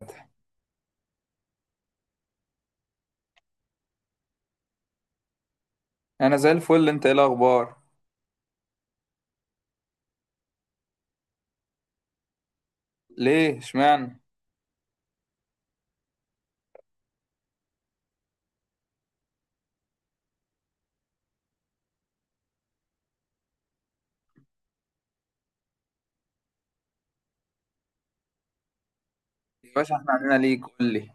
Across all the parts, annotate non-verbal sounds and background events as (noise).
فتحي، انا زي الفل. انت ايه الاخبار؟ ليه؟ اشمعنى؟ يا باشا، احنا عندنا ليك. قول لي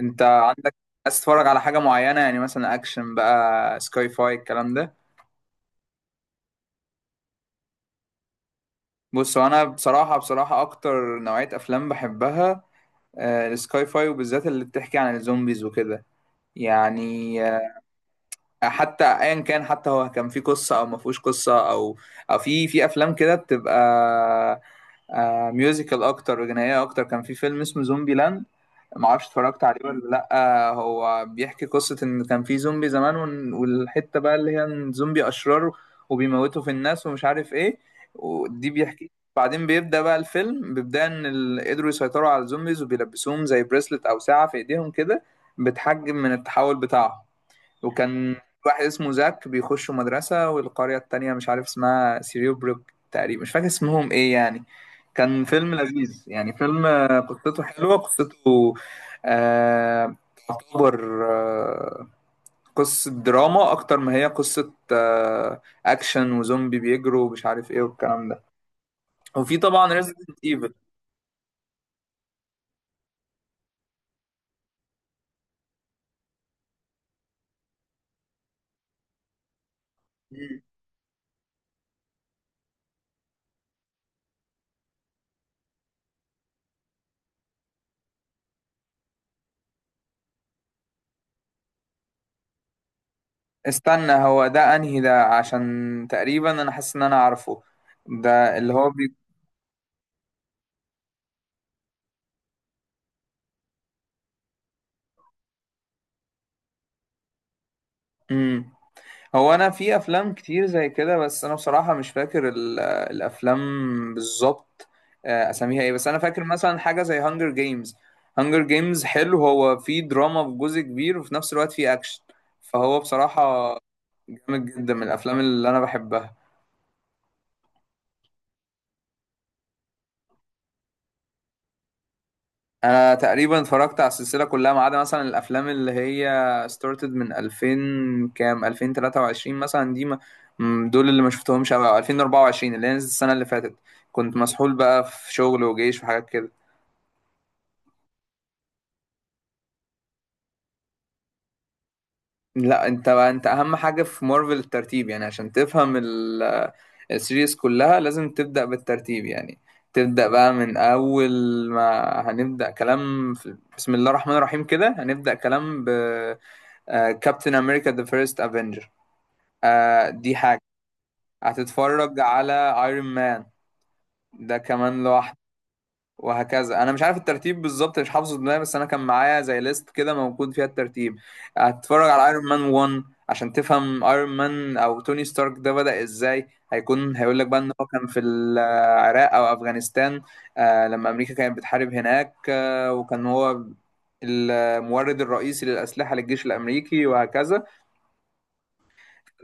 انت عندك، عايز تتفرج على حاجه معينه؟ يعني مثلا اكشن بقى، سكاي فاي، الكلام ده؟ بص، هو انا بصراحه بصراحه اكتر نوعيه افلام بحبها، السكاي فاي، وبالذات اللي بتحكي عن الزومبيز وكده يعني. حتى ايا كان، حتى هو كان في قصه او ما فيهوش قصه، او في افلام كده بتبقى ميوزيكال اكتر وجنائيه اكتر. كان في فيلم اسمه زومبي لاند، ما اعرفش اتفرجت عليه ولا لا. هو بيحكي قصة ان كان في زومبي زمان والحتة بقى اللي هي إن زومبي اشرار وبيموتوا في الناس ومش عارف ايه. ودي بيحكي، بعدين بيبدأ بقى الفيلم، بيبدأ ان قدروا يسيطروا على الزومبيز وبيلبسوهم زي بريسلت او ساعة في ايديهم كده، بتحجم من التحول بتاعهم. وكان في واحد اسمه زاك، بيخشوا مدرسة والقرية التانية مش عارف اسمها سيريوبروك تقريبا، مش فاكر اسمهم ايه يعني. كان فيلم لذيذ يعني، فيلم قصته حلوة، قصته آه تعتبر قصة دراما أكتر ما هي قصة أكشن وزومبي بيجروا ومش عارف ايه والكلام ده. وفي طبعا ريزيدنت ايفل. استنى، هو ده انهي ده؟ عشان تقريبا انا حاسس ان انا عارفه ده اللي هو بي... مم. هو انا في افلام كتير زي كده، بس انا بصراحه مش فاكر الافلام بالظبط، اساميها ايه، بس انا فاكر مثلا حاجه زي هانجر جيمز. هانجر جيمز حلو، هو فيه دراما في جزء كبير وفي نفس الوقت فيه اكشن، فهو بصراحه جامد جدا، من الافلام اللي انا بحبها. انا تقريبا اتفرجت على السلسله كلها، ما عدا مثلا الافلام اللي هي ستارتد من 2000، كام 2023 مثلا دي ما دول اللي ما شفتهمش قوي، او 2024 اللي هي نزلت السنه اللي فاتت، كنت مسحول بقى في شغل وجيش وحاجات كده. لا انت بقى، انت اهم حاجه في مارفل الترتيب يعني، عشان تفهم السيريز كلها لازم تبدا بالترتيب يعني، تبدا بقى من اول ما هنبدا كلام في بسم الله الرحمن الرحيم كده، هنبدا كلام ب كابتن امريكا ذا فيرست افنجر. آه دي حاجة. هتتفرج على ايرون مان، ده كمان لوحده. وهكذا. انا مش عارف الترتيب بالظبط، مش حافظه دماغي، بس انا كان معايا زي ليست كده موجود فيها الترتيب. هتتفرج على ايرون مان 1 عشان تفهم ايرون مان او توني ستارك ده بدأ ازاي. هيكون هيقول لك بقى ان هو كان في العراق او افغانستان، لما امريكا كانت بتحارب هناك، وكان هو المورد الرئيسي للأسلحة للجيش الأمريكي وهكذا.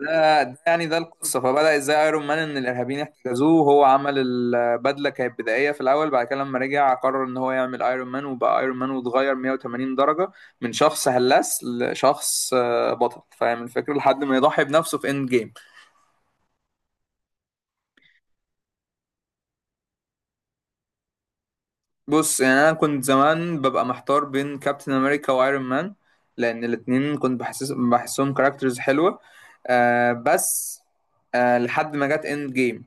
ده يعني، ده القصه، فبدا ازاي ايرون مان ان الارهابيين احتجزوه، وهو عمل البدله كانت بدائيه في الاول. بعد كده لما رجع قرر ان هو يعمل ايرون مان، وبقى ايرون مان، واتغير 180 درجه من شخص هلاس لشخص بطل، فاهم الفكره، لحد ما يضحي بنفسه في اند جيم. بص يعني، انا كنت زمان ببقى محتار بين كابتن امريكا وايرون مان، لان الاتنين كنت بحسهم كاركترز حلوه بس لحد ما جت اند جيم.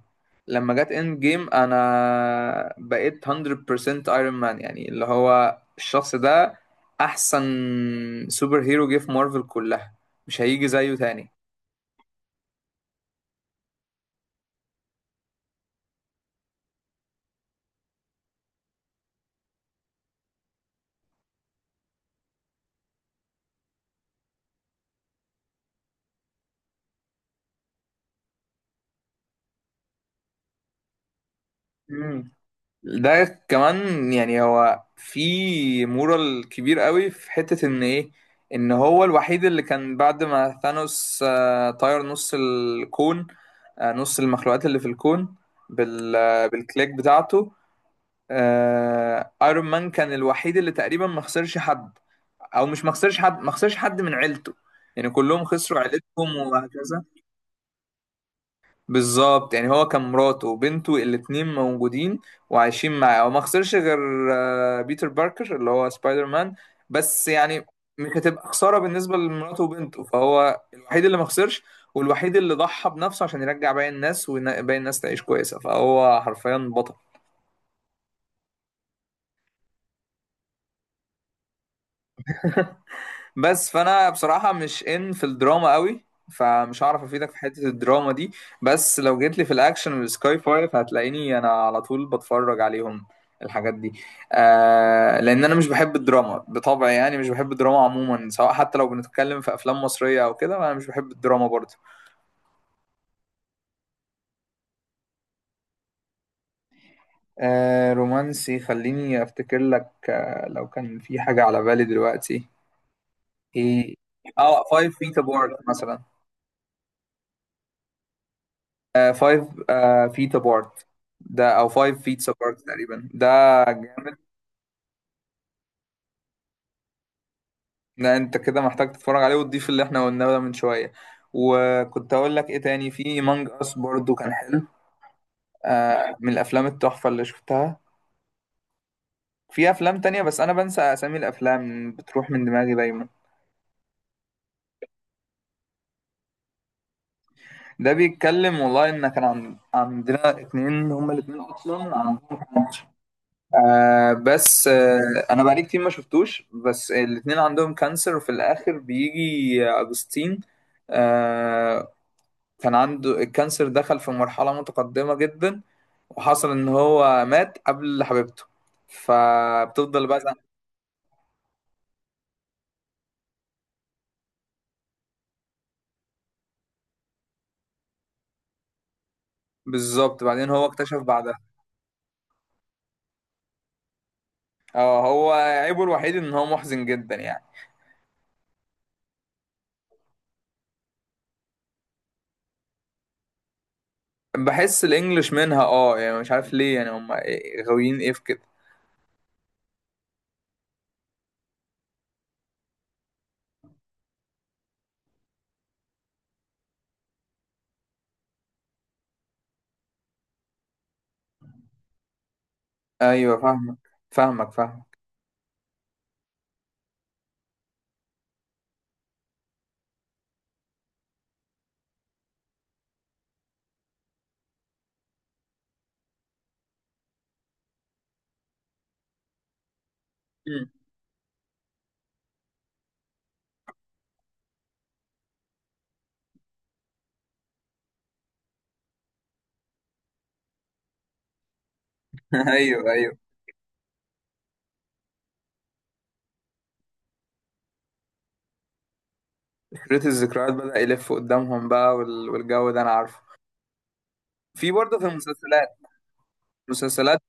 لما جت اند جيم، انا بقيت 100% ايرون مان يعني، اللي هو الشخص ده احسن سوبر هيرو جه في مارفل كلها، مش هيجي زيه تاني. ده كمان يعني، هو في مورال كبير قوي في حتة ان ايه، ان هو الوحيد اللي كان بعد ما ثانوس طير نص الكون، نص المخلوقات اللي في الكون، بالكليك بتاعته. ايرون مان كان الوحيد اللي تقريبا ما خسرش حد، او مش ما خسرش حد، ما خسرش حد من عيلته يعني، كلهم خسروا عيلتهم وهكذا. بالظبط يعني، هو كان مراته وبنته الاتنين موجودين وعايشين معاه، وما خسرش غير بيتر باركر اللي هو سبايدر مان، بس يعني مش هتبقى خسارة بالنسبة لمراته وبنته، فهو الوحيد اللي ما خسرش، والوحيد اللي ضحى بنفسه عشان يرجع باقي الناس وباقي الناس تعيش كويسة، فهو حرفيا بطل. (laughs) بس فانا بصراحه مش ان في الدراما قوي، فمش هعرف افيدك في حته الدراما دي. بس لو جيت لي في الاكشن والسكاي فايف، هتلاقيني انا على طول بتفرج عليهم الحاجات دي، لان انا مش بحب الدراما بطبعي يعني، مش بحب الدراما عموما، سواء حتى لو بنتكلم في افلام مصريه او كده، انا مش بحب الدراما برضه. آه، رومانسي، خليني افتكر لك. لو كان في حاجه على بالي دلوقتي. ايه؟ اه، فايف فيت ابارت مثلا. فايف فيت ابارت ده، او فايف فيتس ابارت تقريبا ده، جامد. ده انت كده محتاج تتفرج عليه وتضيف اللي احنا قلناه ده من شويه. وكنت اقول لك ايه تاني، في مانج اس برضو كان حلو، من الافلام التحفه اللي شفتها. في افلام تانية، بس انا بنسى اسامي الافلام، بتروح من دماغي دايما. ده بيتكلم والله، عندنا اتنين، هما الاتنين اصلا عندهم بس انا بقالي كتير ما شفتوش، بس الاتنين عندهم كانسر وفي الاخر بيجي اجوستين. آه، كان عنده الكانسر دخل في مرحلة متقدمة جدا، وحصل ان هو مات قبل حبيبته، فبتفضل بقى. بالظبط، بعدين هو اكتشف بعدها. اه، هو عيبه الوحيد ان هو محزن جدا يعني. بحس الانجليش منها، يعني مش عارف ليه، يعني هم غاويين ايه في كده. ايوه، فاهمك. فاهمك فاهمك. (laughs) ايوه ايوه. كريت الذكريات بدأ يلف قدامهم بقى والجو ده انا عارفه، في برضه في المسلسلات. مسلسلات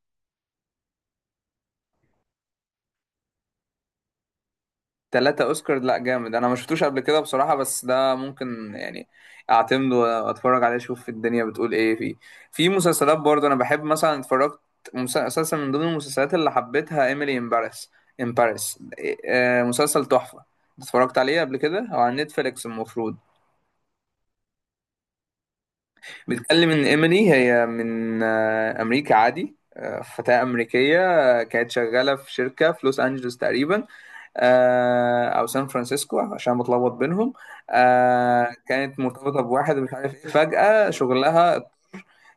ثلاثة اوسكار، لا جامد! انا ما شفتوش قبل كده بصراحة، بس ده ممكن يعني اعتمد واتفرج عليه، اشوف الدنيا بتقول ايه فيه. في مسلسلات برضه انا بحب، مثلا اتفرجت، مسلسل من ضمن المسلسلات اللي حبيتها ايميلي ان باريس. ان باريس. مسلسل تحفة، اتفرجت عليه قبل كده او على نتفليكس المفروض. بتكلم ان ايميلي هي من امريكا عادي، فتاة أمريكية، كانت شغالة في شركة في لوس أنجلوس تقريبا، أو سان فرانسيسكو عشان بتلخبط بينهم، كانت مرتبطة بواحد مش عارف إيه، فجأة شغلها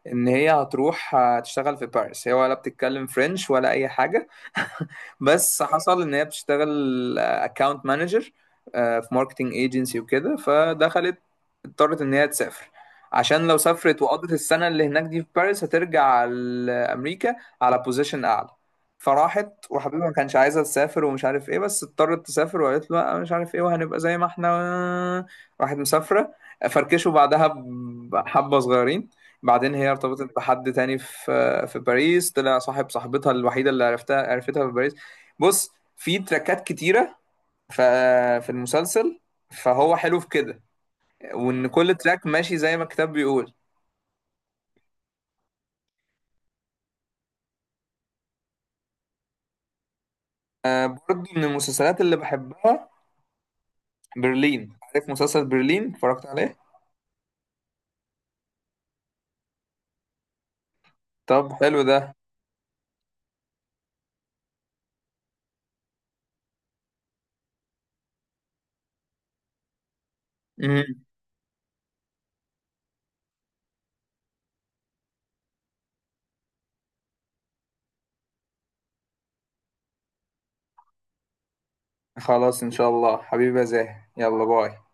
ان هي هتروح تشتغل في باريس، هي ولا بتتكلم فرنش ولا اي حاجه. (laughs) بس حصل ان هي بتشتغل اكاونت مانجر في ماركتنج ايجنسي وكده، فدخلت اضطرت ان هي تسافر عشان لو سافرت وقضت السنه اللي هناك دي في باريس هترجع لامريكا على بوزيشن اعلى. فراحت، وحبيبها ما كانش عايزه تسافر ومش عارف ايه، بس اضطرت تسافر وقالت له لا مش عارف ايه، وهنبقى زي ما احنا، آه، راحت مسافره، فركشوا بعدها بحبه صغيرين. بعدين هي ارتبطت بحد تاني في باريس، طلع صاحب صاحبتها الوحيدة اللي عرفتها في باريس. بص، في تراكات كتيرة ف- في المسلسل، فهو حلو في كده، وإن كل تراك ماشي زي ما الكتاب بيقول. برضه من المسلسلات اللي بحبها برلين. عارف مسلسل برلين اتفرجت عليه؟ طب حلو ده. مم. خلاص إن شاء الله، حبيبي يا زاهي، يلا باي.